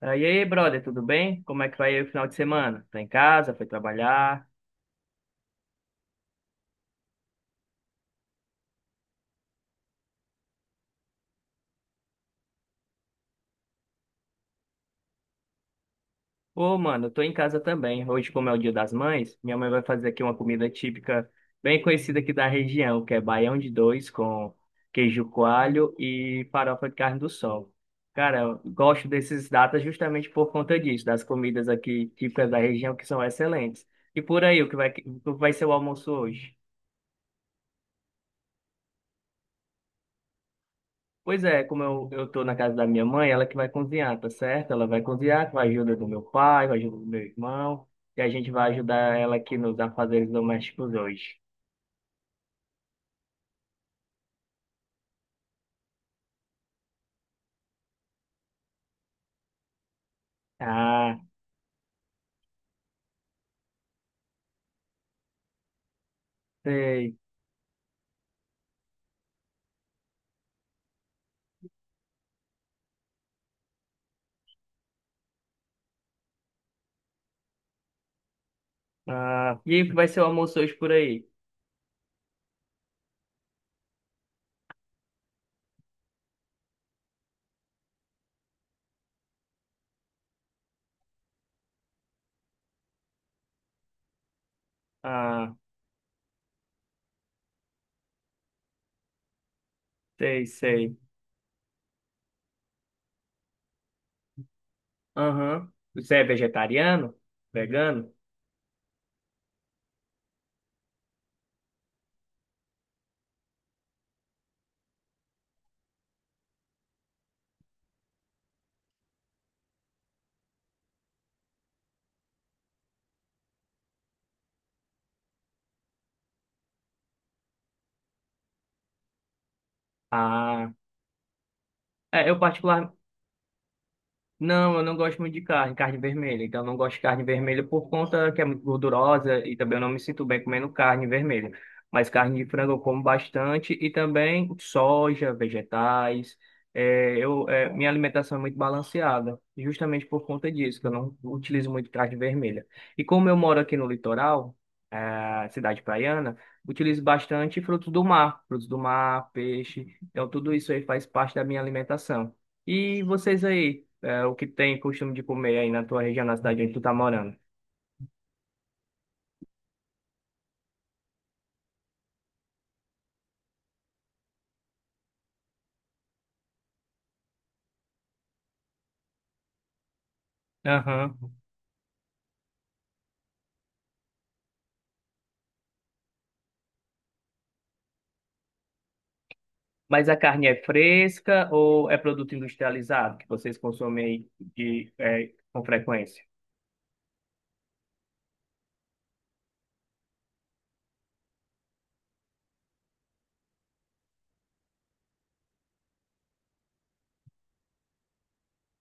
E aí, brother, tudo bem? Como é que vai aí o final de semana? Tá em casa? Foi trabalhar? Ô, mano, eu tô em casa também. Hoje, como é o Dia das Mães, minha mãe vai fazer aqui uma comida típica bem conhecida aqui da região, que é baião de dois com queijo coalho e farofa de carne do sol. Cara, eu gosto desses datas justamente por conta disso, das comidas aqui típicas da região que são excelentes. E por aí, o que vai ser o almoço hoje? Pois é, como eu tô na casa da minha mãe, ela que vai cozinhar, tá certo? Ela vai cozinhar com a ajuda do meu pai, com a ajuda do meu irmão, e a gente vai ajudar ela aqui nos afazeres domésticos hoje. Ah, sei. Ah, e aí, que vai ser o almoço hoje por aí? Ah, sei, sei. Aham. Você é vegetariano? Vegano? Ah, é, eu particular, Não, eu não gosto muito de carne, carne vermelha. Então, eu não gosto de carne vermelha por conta que é muito gordurosa e também eu não me sinto bem comendo carne vermelha. Mas carne de frango eu como bastante e também soja, vegetais. Minha alimentação é muito balanceada, justamente por conta disso, que eu não utilizo muito carne vermelha. E como eu moro aqui no litoral, cidade praiana, utilizo bastante frutos do mar, peixe. Então, tudo isso aí faz parte da minha alimentação. E vocês aí? O que tem costume de comer aí na tua região, na cidade onde tu tá morando. Aham. Mas a carne é fresca ou é produto industrializado que vocês consomem aí de, com frequência?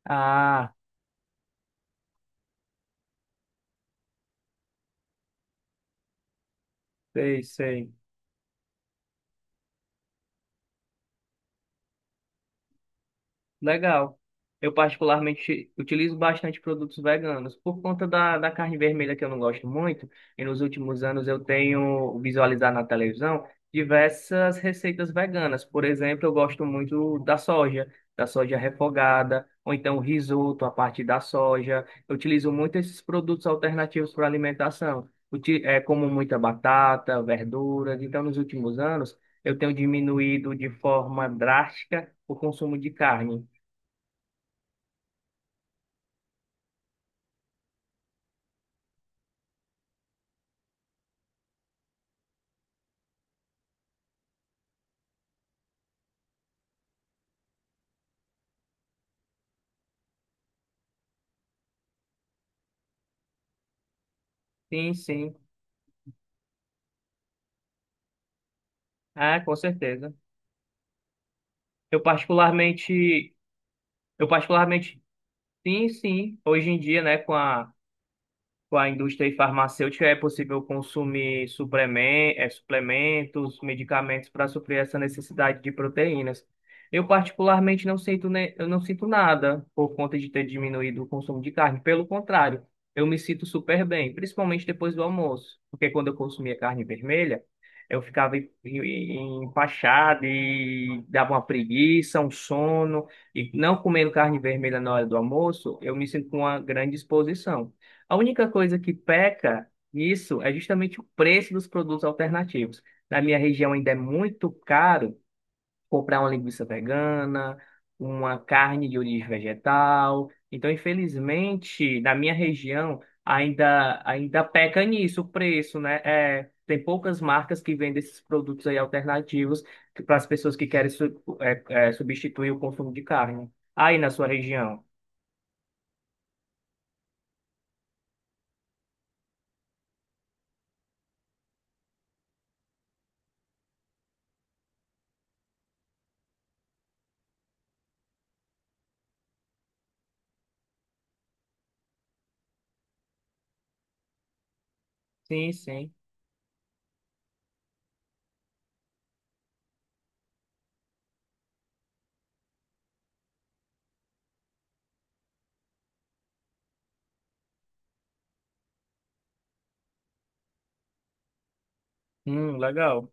Ah, sei, sei. Legal. Eu particularmente utilizo bastante produtos veganos por conta da carne vermelha que eu não gosto muito. E nos últimos anos eu tenho visualizado na televisão diversas receitas veganas. Por exemplo, eu gosto muito da soja refogada, ou então risoto a partir da soja. Eu utilizo muito esses produtos alternativos para alimentação. Como muita batata, verduras. Então, nos últimos anos eu tenho diminuído de forma drástica o consumo de carne. Sim, sim. É, com certeza. Eu particularmente, eu particularmente, sim, sim. Hoje em dia, né, com a indústria farmacêutica é possível consumir suplementos, medicamentos para suprir essa necessidade de proteínas. Eu particularmente não sinto, eu não sinto nada por conta de ter diminuído o consumo de carne. Pelo contrário, eu me sinto super bem, principalmente depois do almoço, porque quando eu consumia carne vermelha, eu ficava empachado e dava uma preguiça, um sono. E não comendo carne vermelha na hora do almoço, eu me sinto com uma grande disposição. A única coisa que peca nisso é justamente o preço dos produtos alternativos. Na minha região ainda é muito caro comprar uma linguiça vegana, uma carne de origem vegetal. Então, infelizmente, na minha região ainda peca nisso o preço, né? É, tem poucas marcas que vendem esses produtos aí alternativos para as pessoas que querem substituir o consumo de carne. Aí na sua região? Sim, sim. Legal.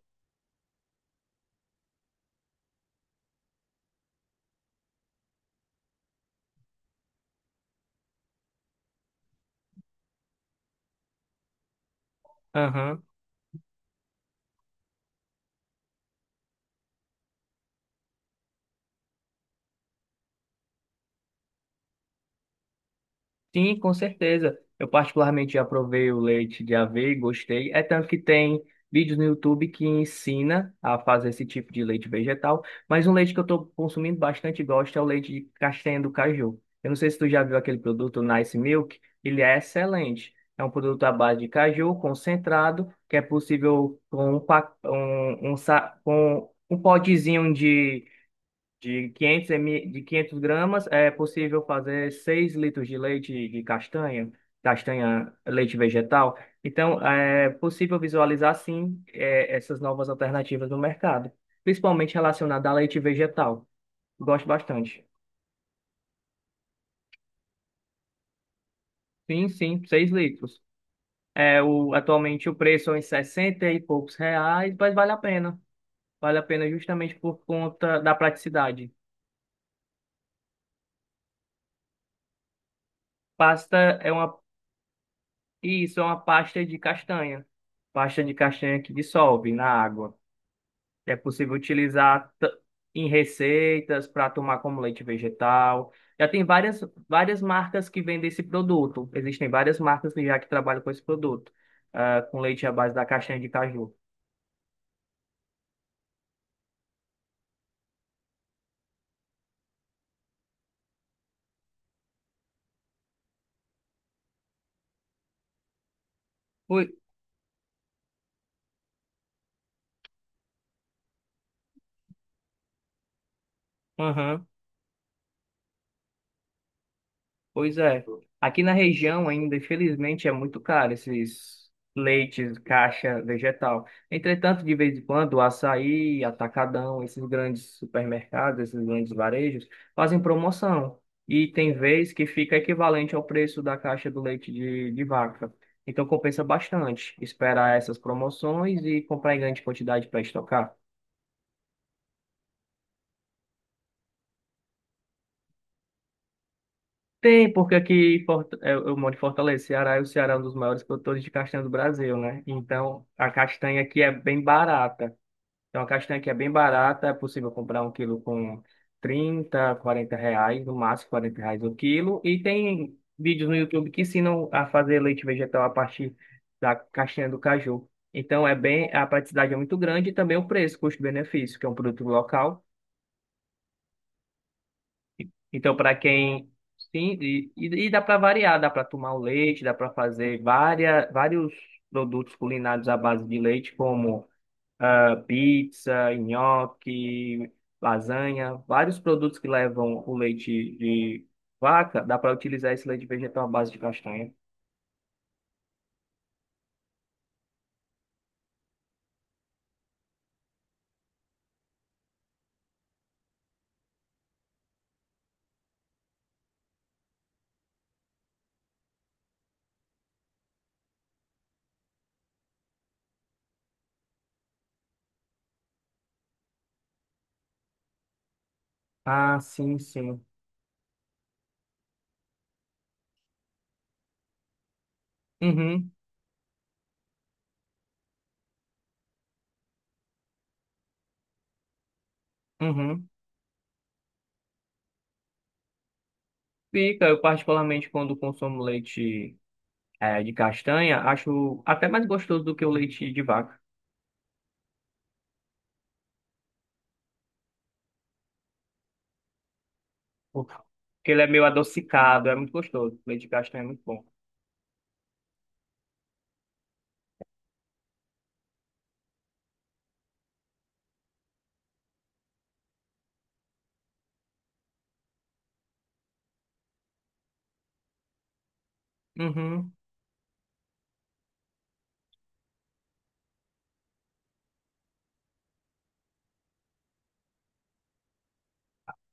Aham. Sim, com certeza. Eu particularmente já provei o leite de aveia e gostei. É tanto que tem vídeos no YouTube que ensina a fazer esse tipo de leite vegetal, mas um leite que eu estou consumindo bastante e gosto é o leite de castanha do caju. Eu não sei se tu já viu aquele produto Nice Milk, ele é excelente. É um produto à base de caju concentrado, que é possível com com um potezinho de 500 ml, de 500 gramas, é possível fazer 6 litros de leite de castanha, castanha, leite vegetal. Então, é possível visualizar, sim, essas novas alternativas no mercado, principalmente relacionada a leite vegetal. Gosto bastante. Sim, sim, 6 litros. Atualmente o preço é em 60 e poucos reais, mas vale a pena. Vale a pena justamente por conta da praticidade. Pasta é uma E isso é uma pasta de castanha. Pasta de castanha que dissolve na água. É possível utilizar t- em receitas para tomar como leite vegetal. Já tem várias, várias marcas que vendem esse produto. Existem várias marcas que já que trabalham com esse produto, ah, com leite à base da castanha de caju. Ui, aham. Pois é. Aqui na região ainda, infelizmente, é muito caro esses leites, caixa vegetal. Entretanto, de vez em quando, o Açaí, Atacadão, esses grandes supermercados, esses grandes varejos, fazem promoção. E tem vez que fica equivalente ao preço da caixa do leite de vaca. Então compensa bastante esperar essas promoções e comprar em grande quantidade para estocar. Tem, porque aqui em eu moro em Fortaleza, Ceará, e o Ceará é um dos maiores produtores de castanha do Brasil, né? Então, a castanha aqui é bem barata. Então, a castanha aqui é bem barata, é possível comprar um quilo com 30, 40 reais, no máximo 40 reais o quilo. E tem vídeos no YouTube que ensinam a fazer leite vegetal a partir da castanha do caju. Então, é bem, a praticidade é muito grande e também o preço, custo-benefício, que é um produto local. Então, para quem. Dá para variar, dá para tomar o leite, dá para fazer várias, vários produtos culinários à base de leite, como ah, pizza, nhoque, lasanha, vários produtos que levam o leite de vaca, dá para utilizar esse leite vegetal à base de castanha. Ah, sim, sim. Uhum, uhum. Fica, eu particularmente quando consumo leite de castanha, acho até mais gostoso do que o leite de vaca. Porque ele é meio adocicado, é muito gostoso. Leite de castanha é muito bom. Uhum.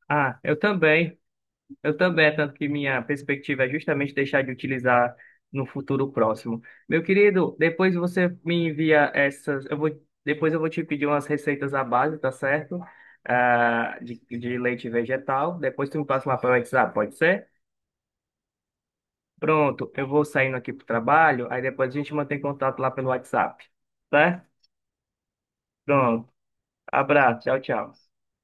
Ah, eu também. Eu também, é tanto que minha perspectiva é justamente deixar de utilizar no futuro próximo. Meu querido, depois você me envia essas. Depois eu vou te pedir umas receitas à base, tá certo? Ah, de leite vegetal. Depois tu me passa lá pelo WhatsApp, pode ser? Pronto, eu vou saindo aqui pro trabalho, aí depois a gente mantém contato lá pelo WhatsApp, tá? Pronto. Abraço, tchau, tchau.